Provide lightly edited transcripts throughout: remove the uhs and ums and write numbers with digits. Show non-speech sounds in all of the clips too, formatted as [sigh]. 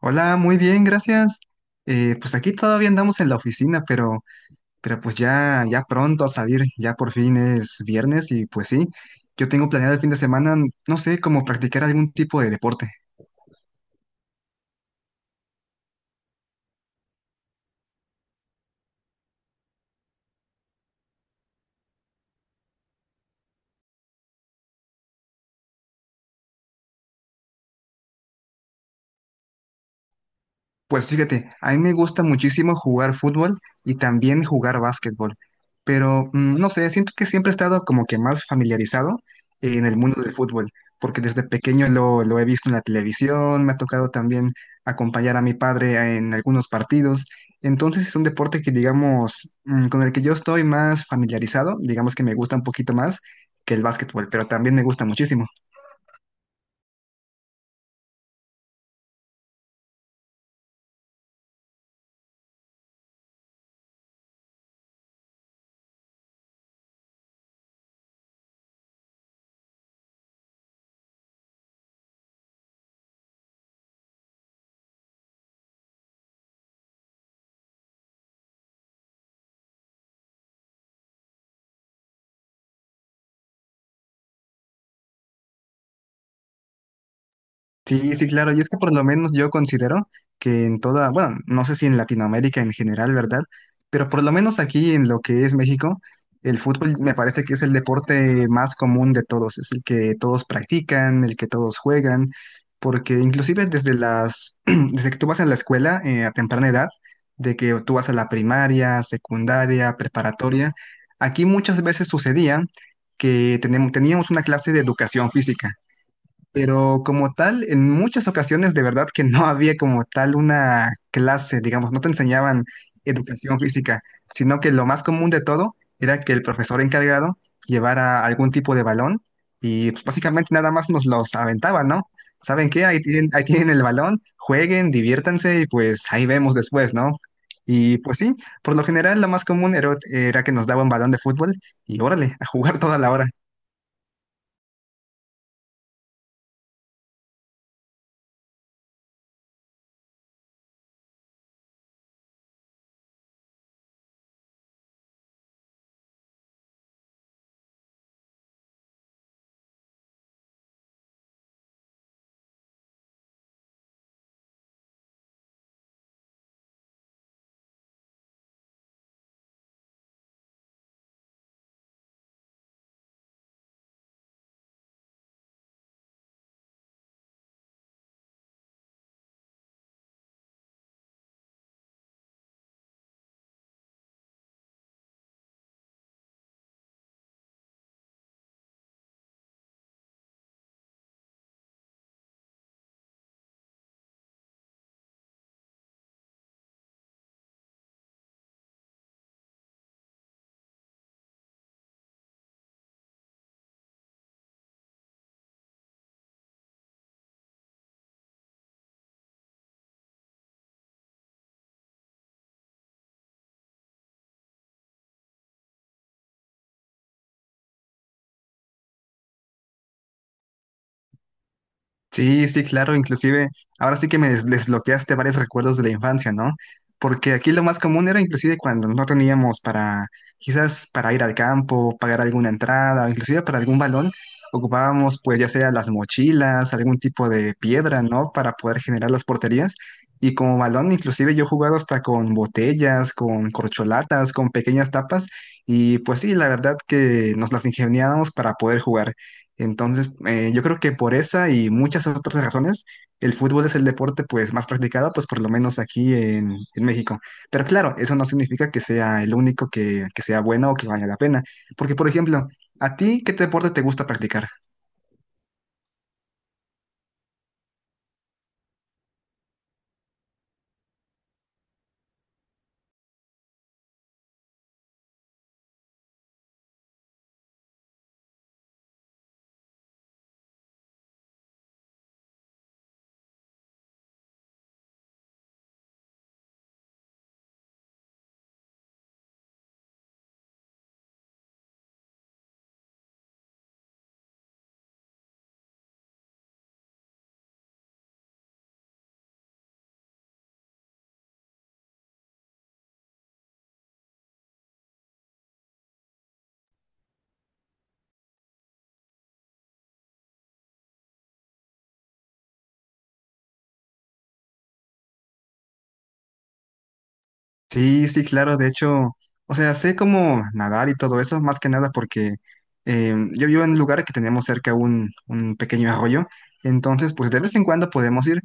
Hola, muy bien, gracias. Pues aquí todavía andamos en la oficina, pero, pero pues ya pronto a salir, ya por fin es viernes y pues sí, yo tengo planeado el fin de semana, no sé, como practicar algún tipo de deporte. Pues fíjate, a mí me gusta muchísimo jugar fútbol y también jugar básquetbol, pero no sé, siento que siempre he estado como que más familiarizado en el mundo del fútbol, porque desde pequeño lo he visto en la televisión, me ha tocado también acompañar a mi padre en algunos partidos, entonces es un deporte que digamos, con el que yo estoy más familiarizado, digamos que me gusta un poquito más que el básquetbol, pero también me gusta muchísimo. Sí, sí, claro. Y es que por lo menos yo considero que en toda, bueno, no sé si en Latinoamérica en general, ¿verdad? Pero por lo menos aquí en lo que es México, el fútbol me parece que es el deporte más común de todos, es el que todos practican, el que todos juegan, porque inclusive desde las, [clears throat] desde que tú vas a la escuela a temprana edad, de que tú vas a la primaria, secundaria, preparatoria, aquí muchas veces sucedía que teníamos una clase de educación física. Pero como tal, en muchas ocasiones de verdad que no había como tal una clase, digamos, no te enseñaban educación física, sino que lo más común de todo era que el profesor encargado llevara algún tipo de balón y pues, básicamente nada más nos los aventaba, ¿no? ¿Saben qué? Ahí tienen el balón, jueguen, diviértanse y pues ahí vemos después, ¿no? Y pues sí, por lo general lo más común era que nos daba un balón de fútbol y órale, a jugar toda la hora. Sí, sí, claro, inclusive ahora sí que me desbloqueaste varios recuerdos de la infancia, ¿no? Porque aquí lo más común era inclusive cuando no teníamos para, quizás para ir al campo, pagar alguna entrada, o inclusive para algún balón, ocupábamos pues ya sea las mochilas, algún tipo de piedra, ¿no? Para poder generar las porterías. Y como balón, inclusive yo he jugado hasta con botellas, con corcholatas, con pequeñas tapas, y pues sí, la verdad que nos las ingeniábamos para poder jugar. Entonces, yo creo que por esa y muchas otras razones, el fútbol es el deporte pues más practicado, pues por lo menos aquí en México. Pero claro, eso no significa que sea el único que sea bueno o que valga la pena. Porque, por ejemplo, ¿a ti qué deporte te gusta practicar? Sí, sí, claro, de hecho, o sea, sé cómo nadar y todo eso, más que nada porque yo vivo en un lugar que tenemos cerca un pequeño arroyo, entonces pues de vez en cuando podemos ir,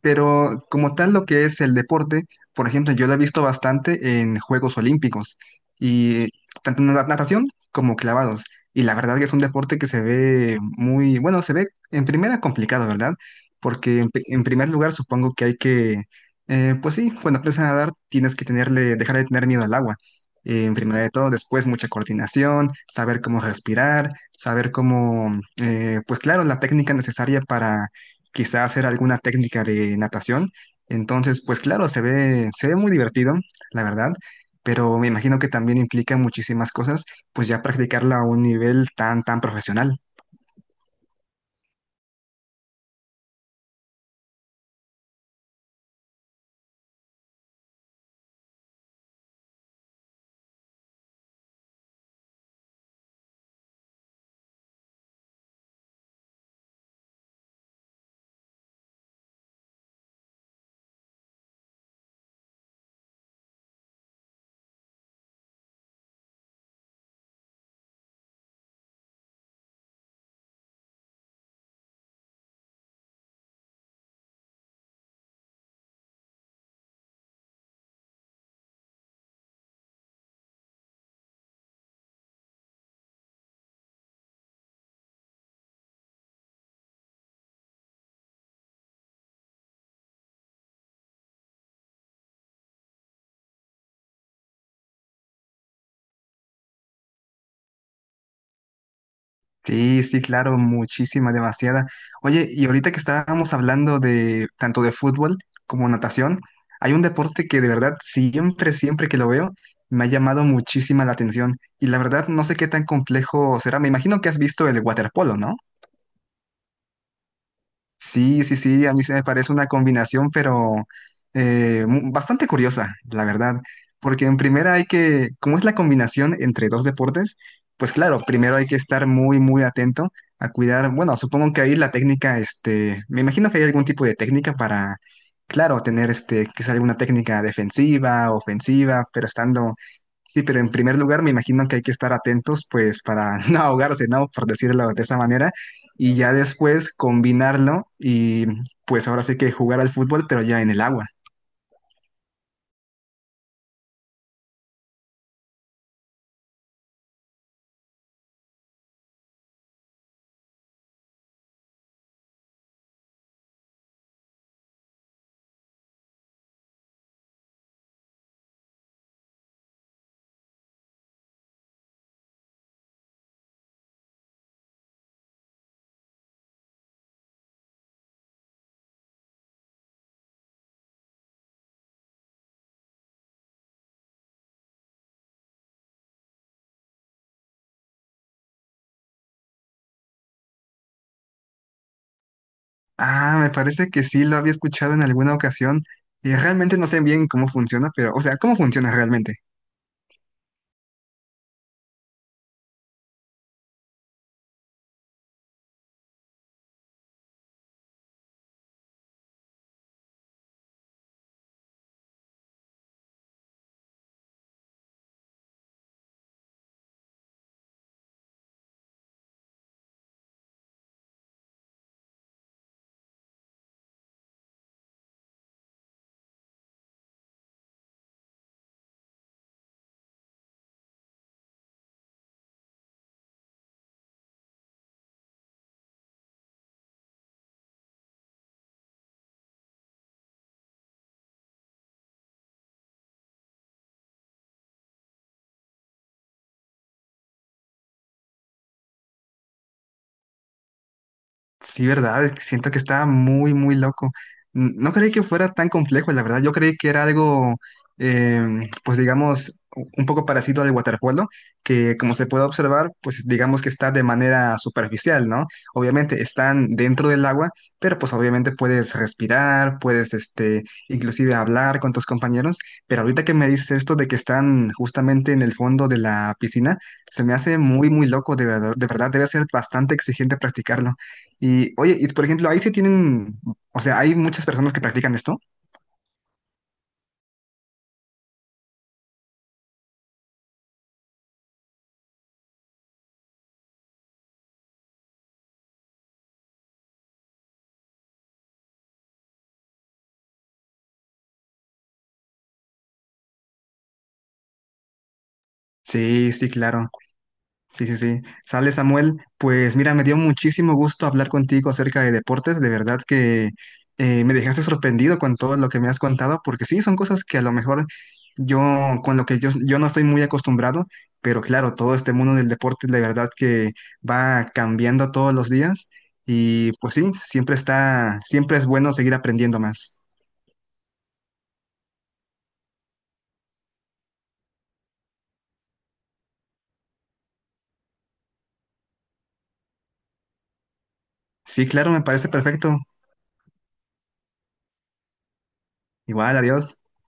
pero como tal lo que es el deporte, por ejemplo, yo lo he visto bastante en Juegos Olímpicos y tanto en la natación como clavados, y la verdad que es un deporte que se ve muy, bueno, se ve en primera complicado, ¿verdad? Porque en, en primer lugar supongo que hay que pues sí, cuando aprendes a nadar tienes que tenerle, dejar de tener miedo al agua. En primero de todo, después mucha coordinación, saber cómo respirar, saber cómo, pues claro, la técnica necesaria para quizá hacer alguna técnica de natación. Entonces, pues claro, se ve muy divertido, la verdad, pero me imagino que también implica muchísimas cosas, pues ya practicarla a un nivel tan, tan profesional. Sí, sí, claro, muchísima, demasiada. Oye, y ahorita que estábamos hablando de tanto de fútbol como natación, hay un deporte que de verdad siempre, siempre que lo veo, me ha llamado muchísima la atención. Y la verdad no sé qué tan complejo será. Me imagino que has visto el waterpolo, ¿no? Sí, sí, sí, a mí se me parece una combinación, pero bastante curiosa, la verdad, porque en primera hay que, como es la combinación entre dos deportes, pues claro, primero hay que estar muy, muy atento a cuidar, bueno, supongo que ahí la técnica, este, me imagino que hay algún tipo de técnica para, claro, tener, este, quizá alguna técnica defensiva, ofensiva, pero estando, sí, pero en primer lugar me imagino que hay que estar atentos, pues, para [laughs] no ahogarse, ¿no? Por decirlo de esa manera y ya después combinarlo y pues ahora sí que jugar al fútbol, pero ya en el agua. Ah, me parece que sí lo había escuchado en alguna ocasión. Realmente no sé bien cómo funciona, pero, o sea, ¿cómo funciona realmente? Sí, verdad, es que siento que está muy, muy loco. No creí que fuera tan complejo, la verdad. Yo creí que era algo, pues digamos, un poco parecido al waterpolo, que como se puede observar, pues digamos que está de manera superficial, ¿no? Obviamente están dentro del agua, pero pues obviamente puedes respirar, puedes, este, inclusive hablar con tus compañeros. Pero ahorita que me dices esto de que están justamente en el fondo de la piscina, se me hace muy, muy loco, de verdad, debe ser bastante exigente practicarlo. Y oye, y por ejemplo, ahí sí tienen, o sea, hay muchas personas que practican esto. Sí, sí, claro. Sí, sí, sí. Sale Samuel, pues mira, me dio muchísimo gusto hablar contigo acerca de deportes. De verdad que me dejaste sorprendido con todo lo que me has contado, porque sí, son cosas que a lo mejor yo, con lo que yo no estoy muy acostumbrado, pero claro, todo este mundo del deporte de verdad que va cambiando todos los días. Y pues sí, siempre está, siempre es bueno seguir aprendiendo más. Sí, claro, me parece perfecto. Igual, adiós.